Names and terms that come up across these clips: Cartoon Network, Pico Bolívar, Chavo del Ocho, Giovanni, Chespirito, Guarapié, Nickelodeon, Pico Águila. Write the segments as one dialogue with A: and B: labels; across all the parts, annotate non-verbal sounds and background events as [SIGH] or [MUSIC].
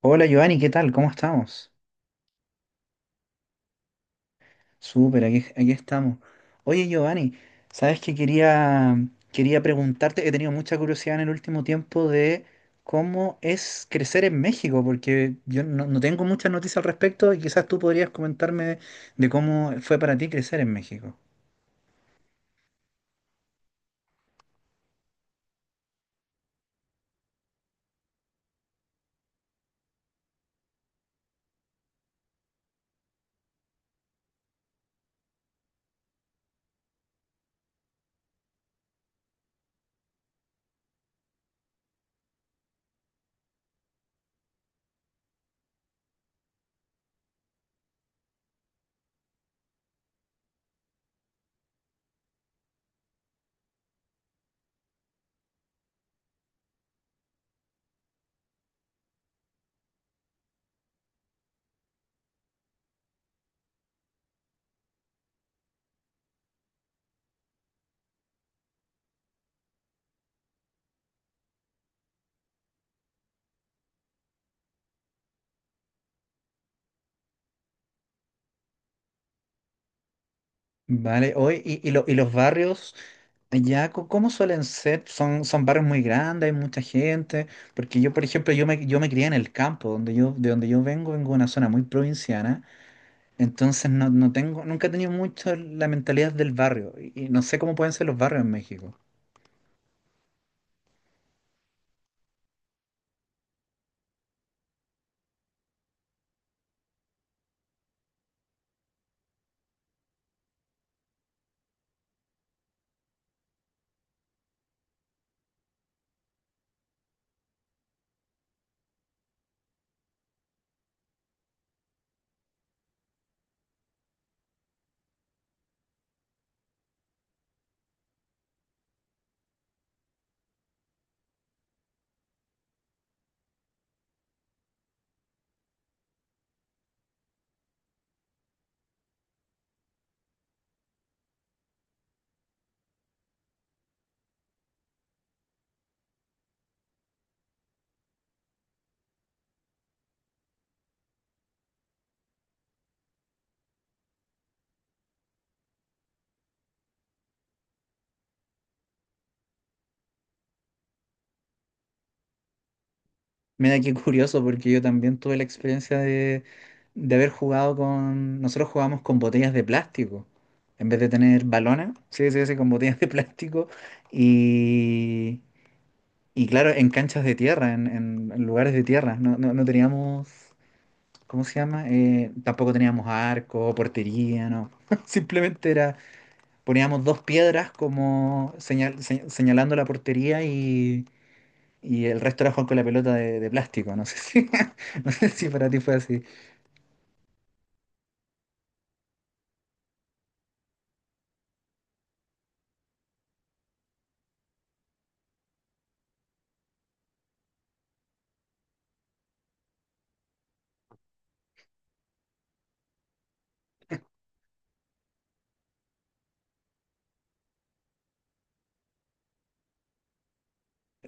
A: Hola Giovanni, ¿qué tal? ¿Cómo estamos? Súper, aquí estamos. Oye Giovanni, ¿sabes que quería preguntarte? He tenido mucha curiosidad en el último tiempo de cómo es crecer en México, porque yo no, no tengo muchas noticias al respecto y quizás tú podrías comentarme de cómo fue para ti crecer en México. Vale, hoy y los barrios allá, ¿cómo suelen ser? Son barrios muy grandes, hay mucha gente, porque yo, por ejemplo, yo me crié en el campo, donde yo, de donde yo vengo de una zona muy provinciana, entonces no, no tengo, nunca he tenido mucho la mentalidad del barrio, y no sé cómo pueden ser los barrios en México. Mira qué [LAUGHS] curioso, porque yo también tuve la experiencia de haber jugado con, nosotros jugábamos con botellas de plástico, en vez de tener balones, sí, sí, sí, con botellas de plástico, y... Y claro, en canchas de tierra, en lugares de tierra. No, no, no teníamos, ¿cómo se llama? Tampoco teníamos arco, portería, no. [LAUGHS] Simplemente era, poníamos dos piedras como señal, señalando la portería y el resto era jugar con la pelota de plástico. No sé si, [LAUGHS] no sé si para ti fue así.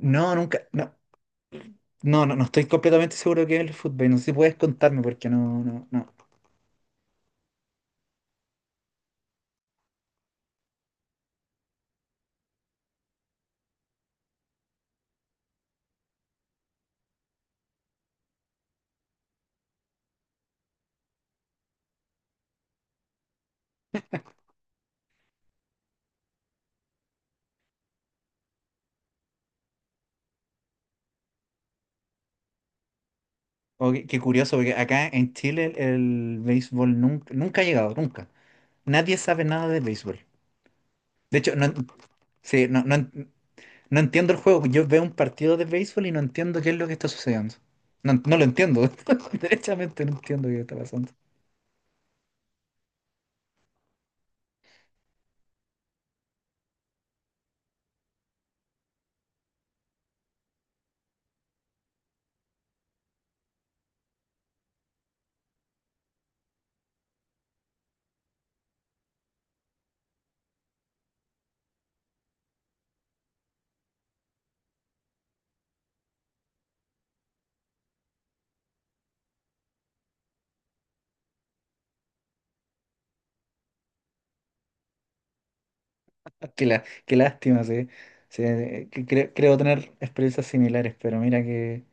A: No, nunca, no, no, no, no estoy completamente seguro de qué es el fútbol. No sé si puedes contarme porque no, no, no. O qué curioso, porque acá en Chile el, béisbol nunca ha llegado, nunca. Nadie sabe nada de béisbol. De hecho, no, sí, no, no, no entiendo el juego. Yo veo un partido de béisbol y no entiendo qué es lo que está sucediendo. No, no lo entiendo. [LAUGHS] Derechamente no entiendo qué está pasando. Ah, qué lástima, sí. Sí, que creo tener experiencias similares, pero mira qué,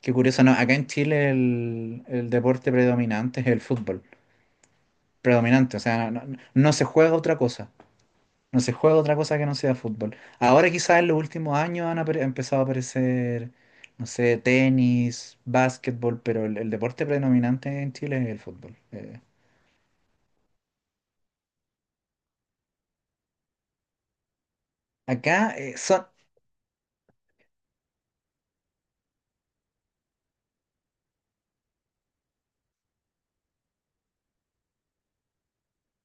A: qué curioso. No, acá en Chile el deporte predominante es el fútbol. Predominante, o sea, no, no se juega otra cosa. No se juega otra cosa que no sea fútbol. Ahora quizás en los últimos años han empezado a aparecer, no sé, tenis, básquetbol, pero el deporte predominante en Chile es el fútbol. Acá son,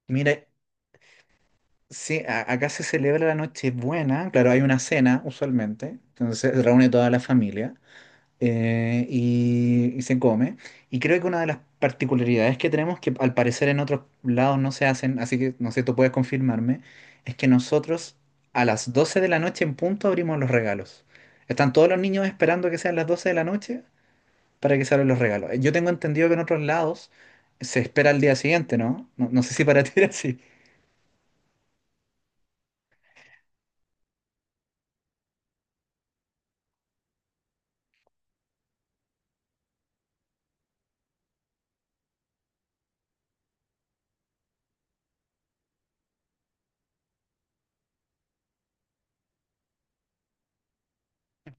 A: mira, sí, acá se celebra la Nochebuena, claro, hay una cena usualmente, entonces se reúne toda la familia. Y se come. Y creo que una de las particularidades que tenemos, que al parecer en otros lados no se hacen, así que no sé, tú puedes confirmarme, es que nosotros a las 12 de la noche en punto abrimos los regalos. Están todos los niños esperando que sean las 12 de la noche para que se abran los regalos. Yo tengo entendido que en otros lados se espera al día siguiente, ¿no? No, no sé si para [LAUGHS] ti era así.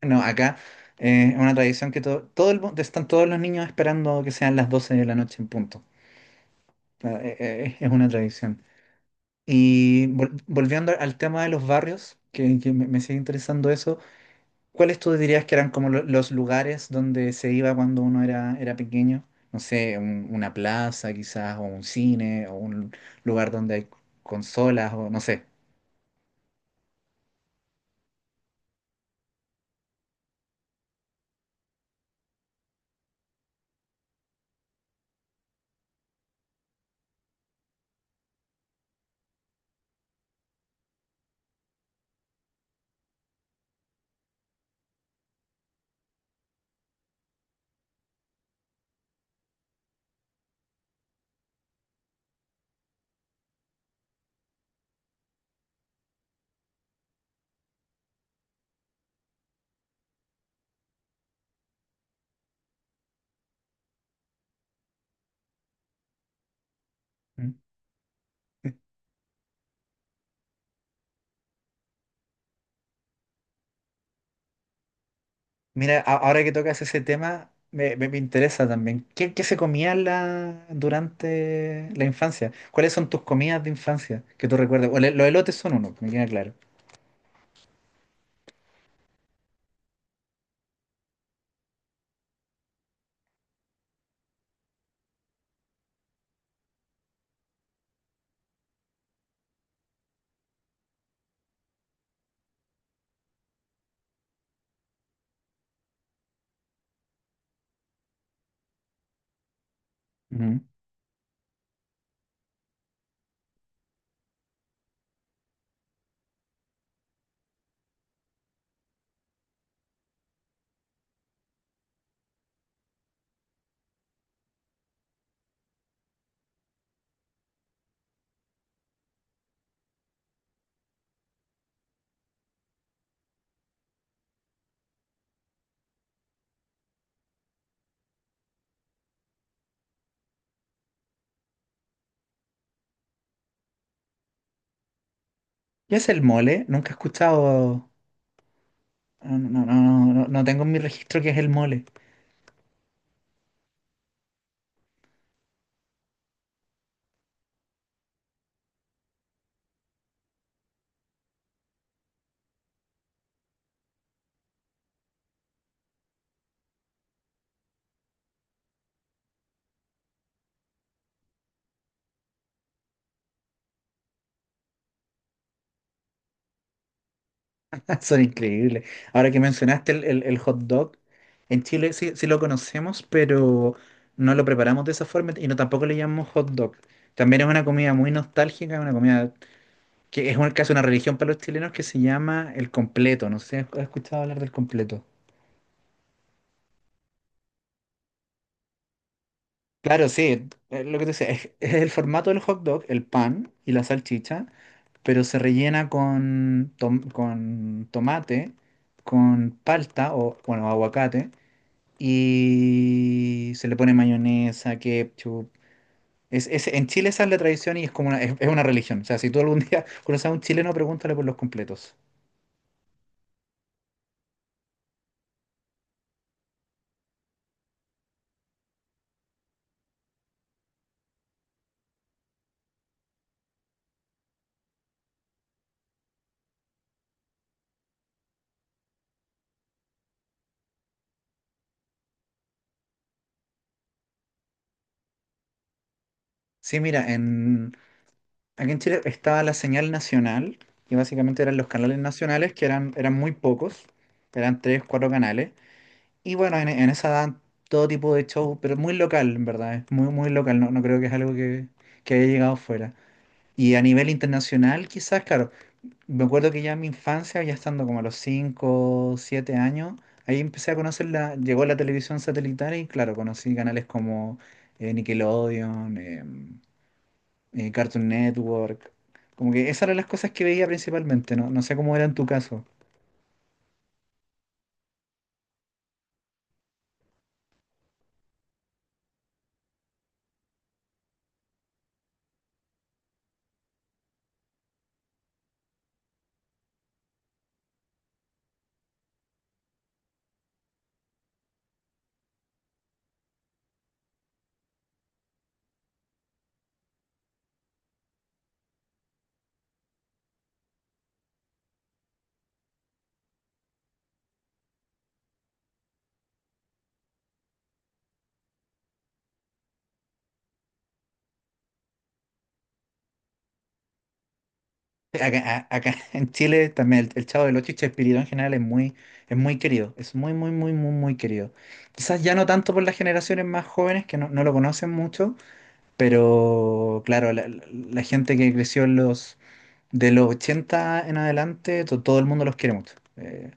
A: No, acá es una tradición que están todos los niños esperando que sean las 12 de la noche en punto. Es una tradición. Y volviendo al tema de los barrios, que me sigue interesando eso, ¿cuáles tú dirías que eran como los lugares donde se iba cuando uno era pequeño? No sé, una plaza quizás, o un cine, o un lugar donde hay consolas, o no sé. ¿Mm? Eh, Mira, ahora que tocas ese tema, me interesa también. ¿¿Qué se comía durante la infancia? ¿Cuáles son tus comidas de infancia que tú recuerdas? O los elotes son uno, me queda claro. ¿Qué es el mole? Nunca he escuchado. No, no, no, no, no no tengo en mi registro qué es el mole. [LAUGHS] Son increíbles. Ahora que mencionaste el hot dog, en Chile sí, sí lo conocemos, pero no lo preparamos de esa forma y no tampoco le llamamos hot dog. También es una comida muy nostálgica, una comida que es casi una religión para los chilenos que se llama el completo. No sé si has escuchado hablar del completo. Claro, sí, lo que te decía, es el formato del hot dog, el pan y la salchicha, pero se rellena con tomate, con palta o, bueno, aguacate, y se le pone mayonesa, ketchup. En Chile esa es la tradición y es como una, es una religión. O sea, si tú algún día [LAUGHS] conoces a un chileno, pregúntale por los completos. Sí, mira, aquí en Chile estaba la señal nacional, que básicamente eran los canales nacionales, que eran muy pocos, eran tres, cuatro canales. Y bueno, en esa dan todo tipo de show, pero es muy local, en verdad, es muy, muy local, no, no creo que es algo que haya llegado fuera. Y a nivel internacional, quizás, claro, me acuerdo que ya en mi infancia, ya estando como a los 5 7 años, ahí empecé a conocer llegó la televisión satelital y claro, conocí canales como Nickelodeon, Cartoon Network, como que esas eran las cosas que veía principalmente, no, no sé cómo era en tu caso. Acá, acá [LAUGHS] en Chile también el Chavo del Ocho y Chespirito en general es muy, querido, es muy, muy, muy, muy, muy querido. Quizás ya no tanto por las generaciones más jóvenes que no, no lo conocen mucho, pero claro, la gente que creció de los 80 en adelante, todo el mundo los quiere mucho. Eh,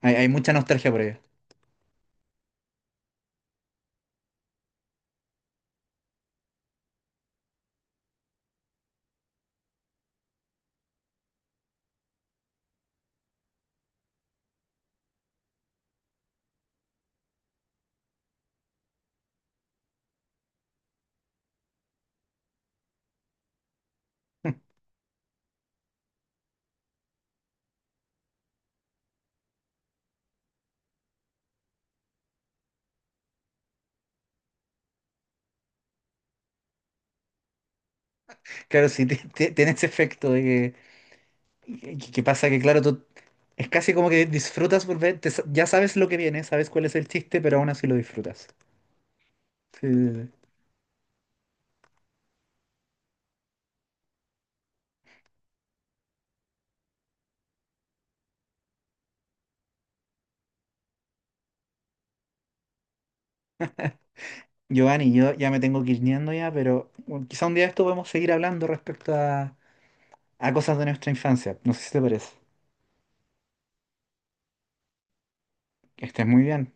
A: hay, hay mucha nostalgia por ellos. [LAUGHS] Claro, sí, tiene ese efecto de que pasa que, claro, tú es casi como que disfrutas por ver, ya sabes lo que viene, sabes cuál es el chiste, pero aún así lo disfrutas. Sí, sí, sí. Giovanni, yo ya me tengo que ir yendo ya, pero bueno, quizá un día de esto podemos seguir hablando respecto a cosas de nuestra infancia. No sé si te parece. Que estés muy bien.